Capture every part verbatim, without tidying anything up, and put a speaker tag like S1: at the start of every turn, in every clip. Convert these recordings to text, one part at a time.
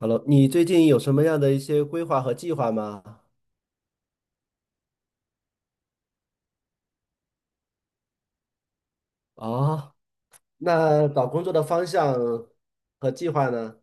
S1: Hello，你最近有什么样的一些规划和计划吗？哦，那找工作的方向和计划呢？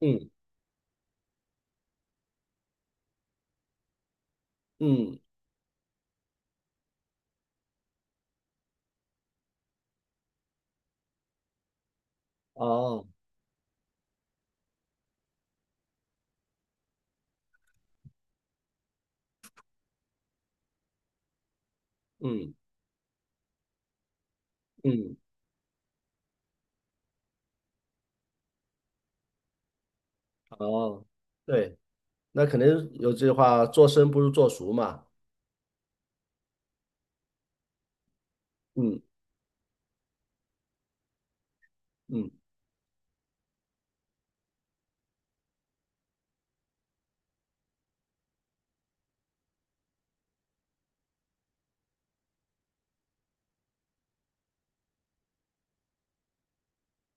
S1: 嗯嗯，哦，嗯嗯，哦，对，那肯定有句话，做生不如做熟嘛。嗯嗯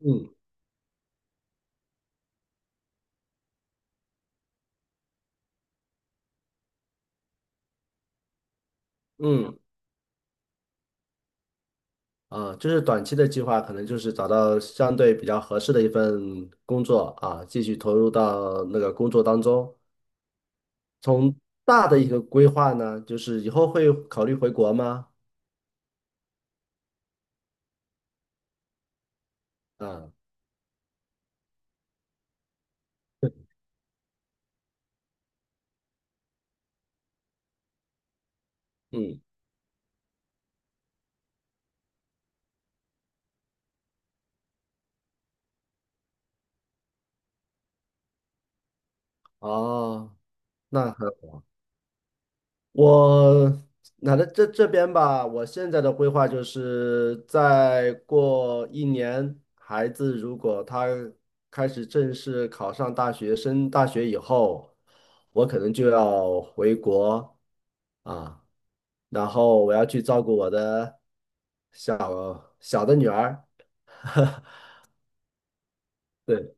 S1: 嗯嗯，啊，就是短期的计划，可能就是找到相对比较合适的一份工作啊，继续投入到那个工作当中。从大的一个规划呢，就是以后会考虑回国吗？啊。嗯，哦，那很，我那在这这边吧，我现在的规划就是再过一年，孩子如果他开始正式考上大学，升大学以后，我可能就要回国啊，然后我要去照顾我的小小的女儿，对。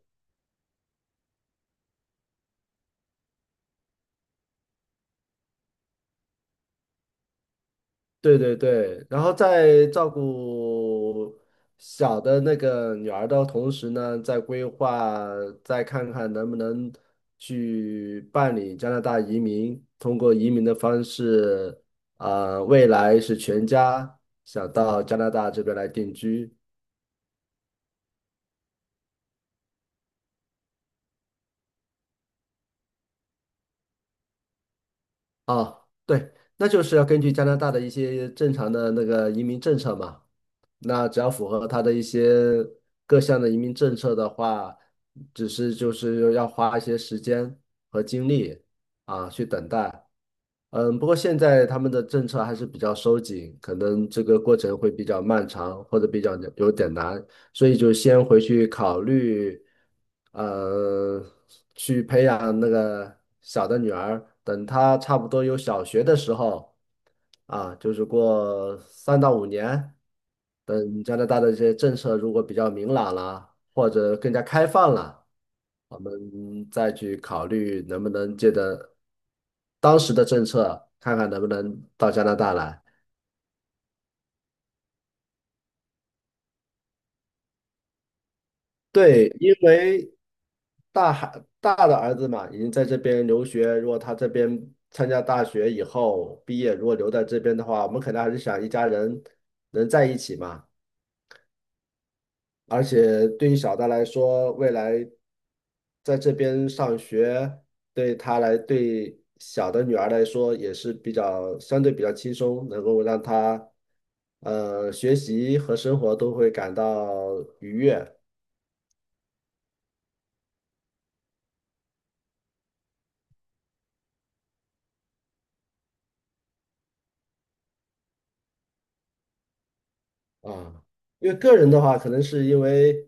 S1: 对对对，然后在照顾小的那个女儿的同时呢，在规划，再看看能不能去办理加拿大移民，通过移民的方式，啊、未来是全家想到加拿大这边来定居。啊，对，那就是要根据加拿大的一些正常的那个移民政策嘛。那只要符合他的一些各项的移民政策的话，只是就是要花一些时间和精力啊去等待。嗯，不过现在他们的政策还是比较收紧，可能这个过程会比较漫长或者比较有点难。所以就先回去考虑，呃，去培养那个小的女儿，等她差不多有小学的时候，啊，就是过三到五年，等加拿大的一些政策如果比较明朗了，或者更加开放了，我们再去考虑能不能借着当时的政策，看看能不能到加拿大来。对，因为大孩大的儿子嘛，已经在这边留学。如果他这边参加大学以后毕业，如果留在这边的话，我们肯定还是想一家人能在一起嘛。而且对于小的来说，未来在这边上学，对他来对小的女儿来说也是比较相对比较轻松，能够让她呃学习和生活都会感到愉悦啊。因为个人的话，可能是因为。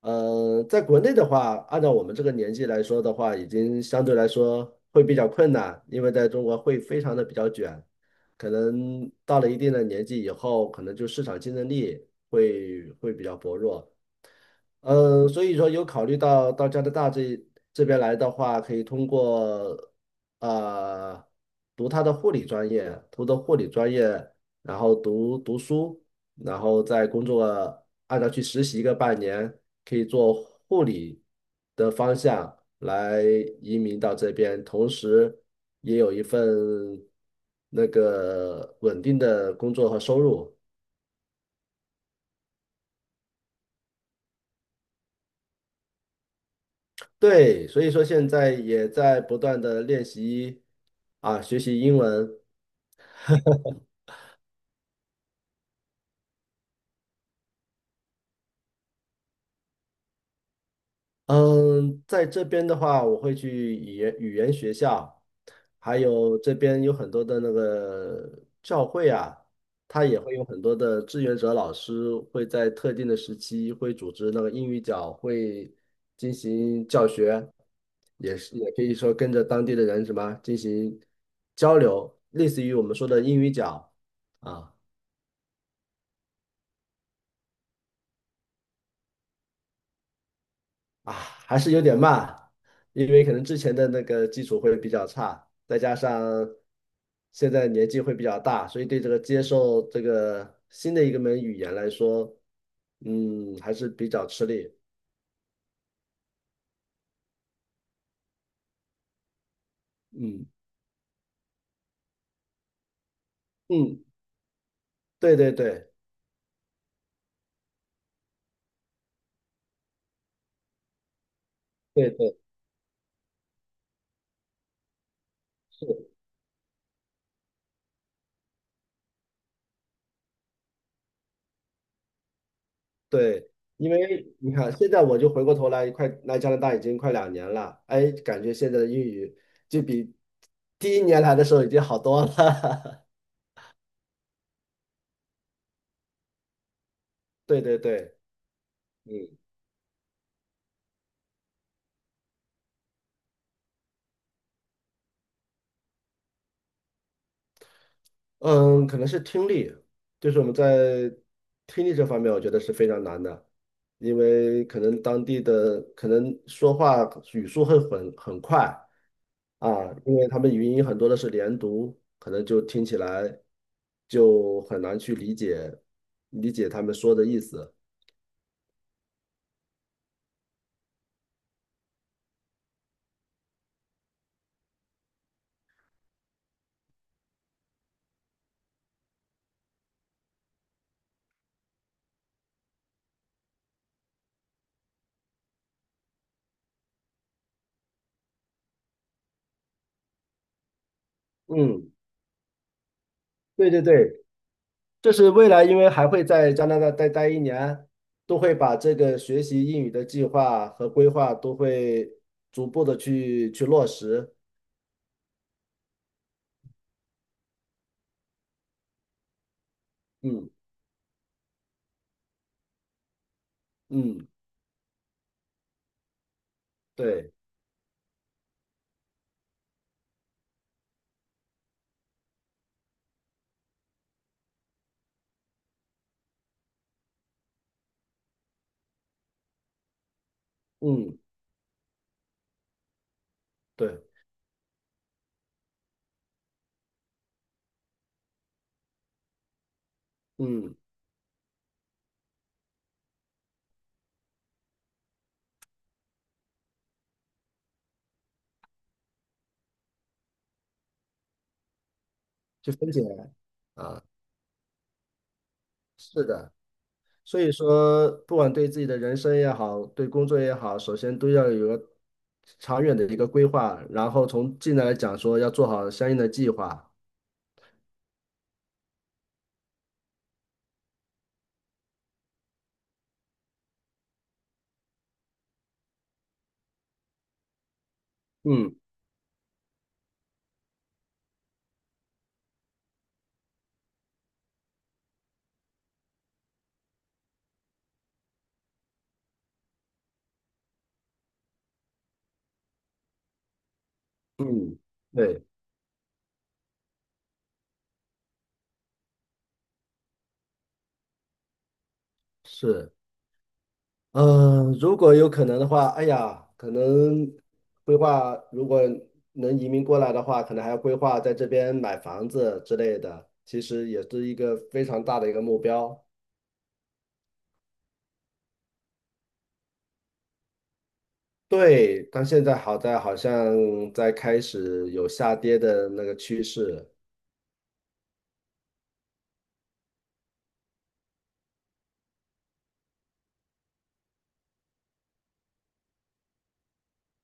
S1: 呃，在国内的话，按照我们这个年纪来说的话，已经相对来说会比较困难，因为在中国会非常的比较卷，可能到了一定的年纪以后，可能就市场竞争力会会比较薄弱。嗯，所以说有考虑到到加拿大这这边来的话，可以通过呃读他的护理专业，读的护理专业，然后读读书，然后再工作，按照去实习个半年，可以做护理的方向来移民到这边，同时也有一份那个稳定的工作和收入。对，所以说现在也在不断的练习啊，学习英文。嗯，在这边的话，我会去语言语言学校，还有这边有很多的那个教会啊，它也会有很多的志愿者老师会在特定的时期会组织那个英语角会进行教学，也是也可以说跟着当地的人什么进行交流，类似于我们说的英语角啊。啊，还是有点慢，因为可能之前的那个基础会比较差，再加上现在年纪会比较大，所以对这个接受这个新的一个门语言来说，嗯，还是比较吃力。嗯嗯，对对对对对是，对，因为你看现在我就回过头来，快来加拿大已经快两年了，哎，感觉现在的英语就比第一年来的时候已经好多了。对对对，嗯嗯，可能是听力，就是我们在听力这方面，我觉得是非常难的，因为可能当地的可能说话语速会很很快啊，因为他们语音很多的是连读，可能就听起来就很难去理解理解他们说的意思。嗯，对对对，这是未来，因为还会在加拿大待待一年，都会把这个学习英语的计划和规划都会逐步的去去落实。嗯嗯，对，嗯对，嗯，去分解啊，是的。所以说，不管对自己的人生也好，对工作也好，首先都要有个长远的一个规划，然后从近来讲说要做好相应的计划。嗯嗯，对，是。嗯，如果有可能的话，哎呀，可能规划如果能移民过来的话，可能还要规划在这边买房子之类的，其实也是一个非常大的一个目标。对，但现在好在好像在开始有下跌的那个趋势，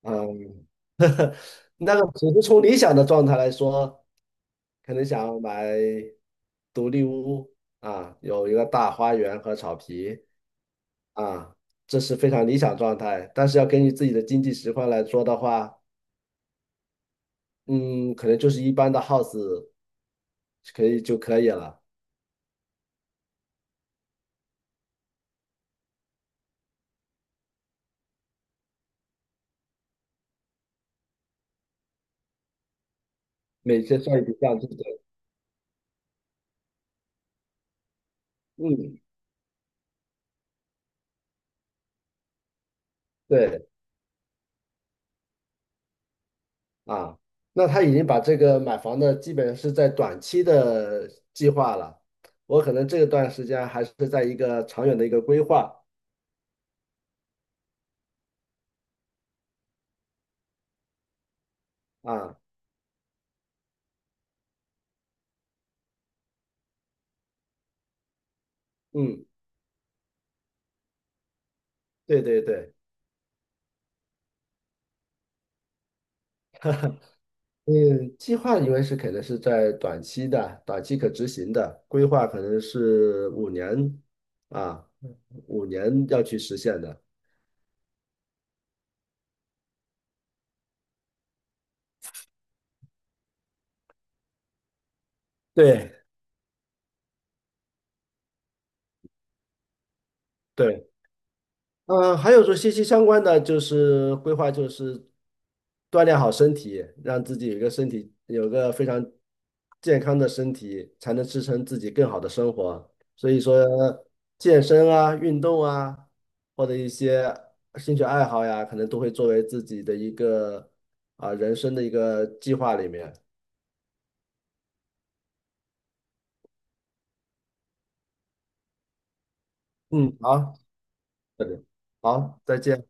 S1: 嗯，那个只是从理想的状态来说，可能想要买独立屋啊，有一个大花园和草皮。啊，这是非常理想状态。但是要根据自己的经济实况来说的话，嗯，可能就是一般的 house 可以就可以了，每天算一笔账不对。嗯，对啊，那他已经把这个买房的基本是在短期的计划了，我可能这段时间还是在一个长远的一个规划啊。嗯，对对对。嗯，计划因为是肯定是在短期的、短期可执行的，规划可能是五年啊，五年要去实现的。对，对，嗯，还有说息息相关的就是规划，就是锻炼好身体，让自己有一个身体有个非常健康的身体，才能支撑自己更好的生活。所以说，健身啊、运动啊，或者一些兴趣爱好呀，可能都会作为自己的一个啊、人生的一个计划里面。嗯，好，再见，好，再见。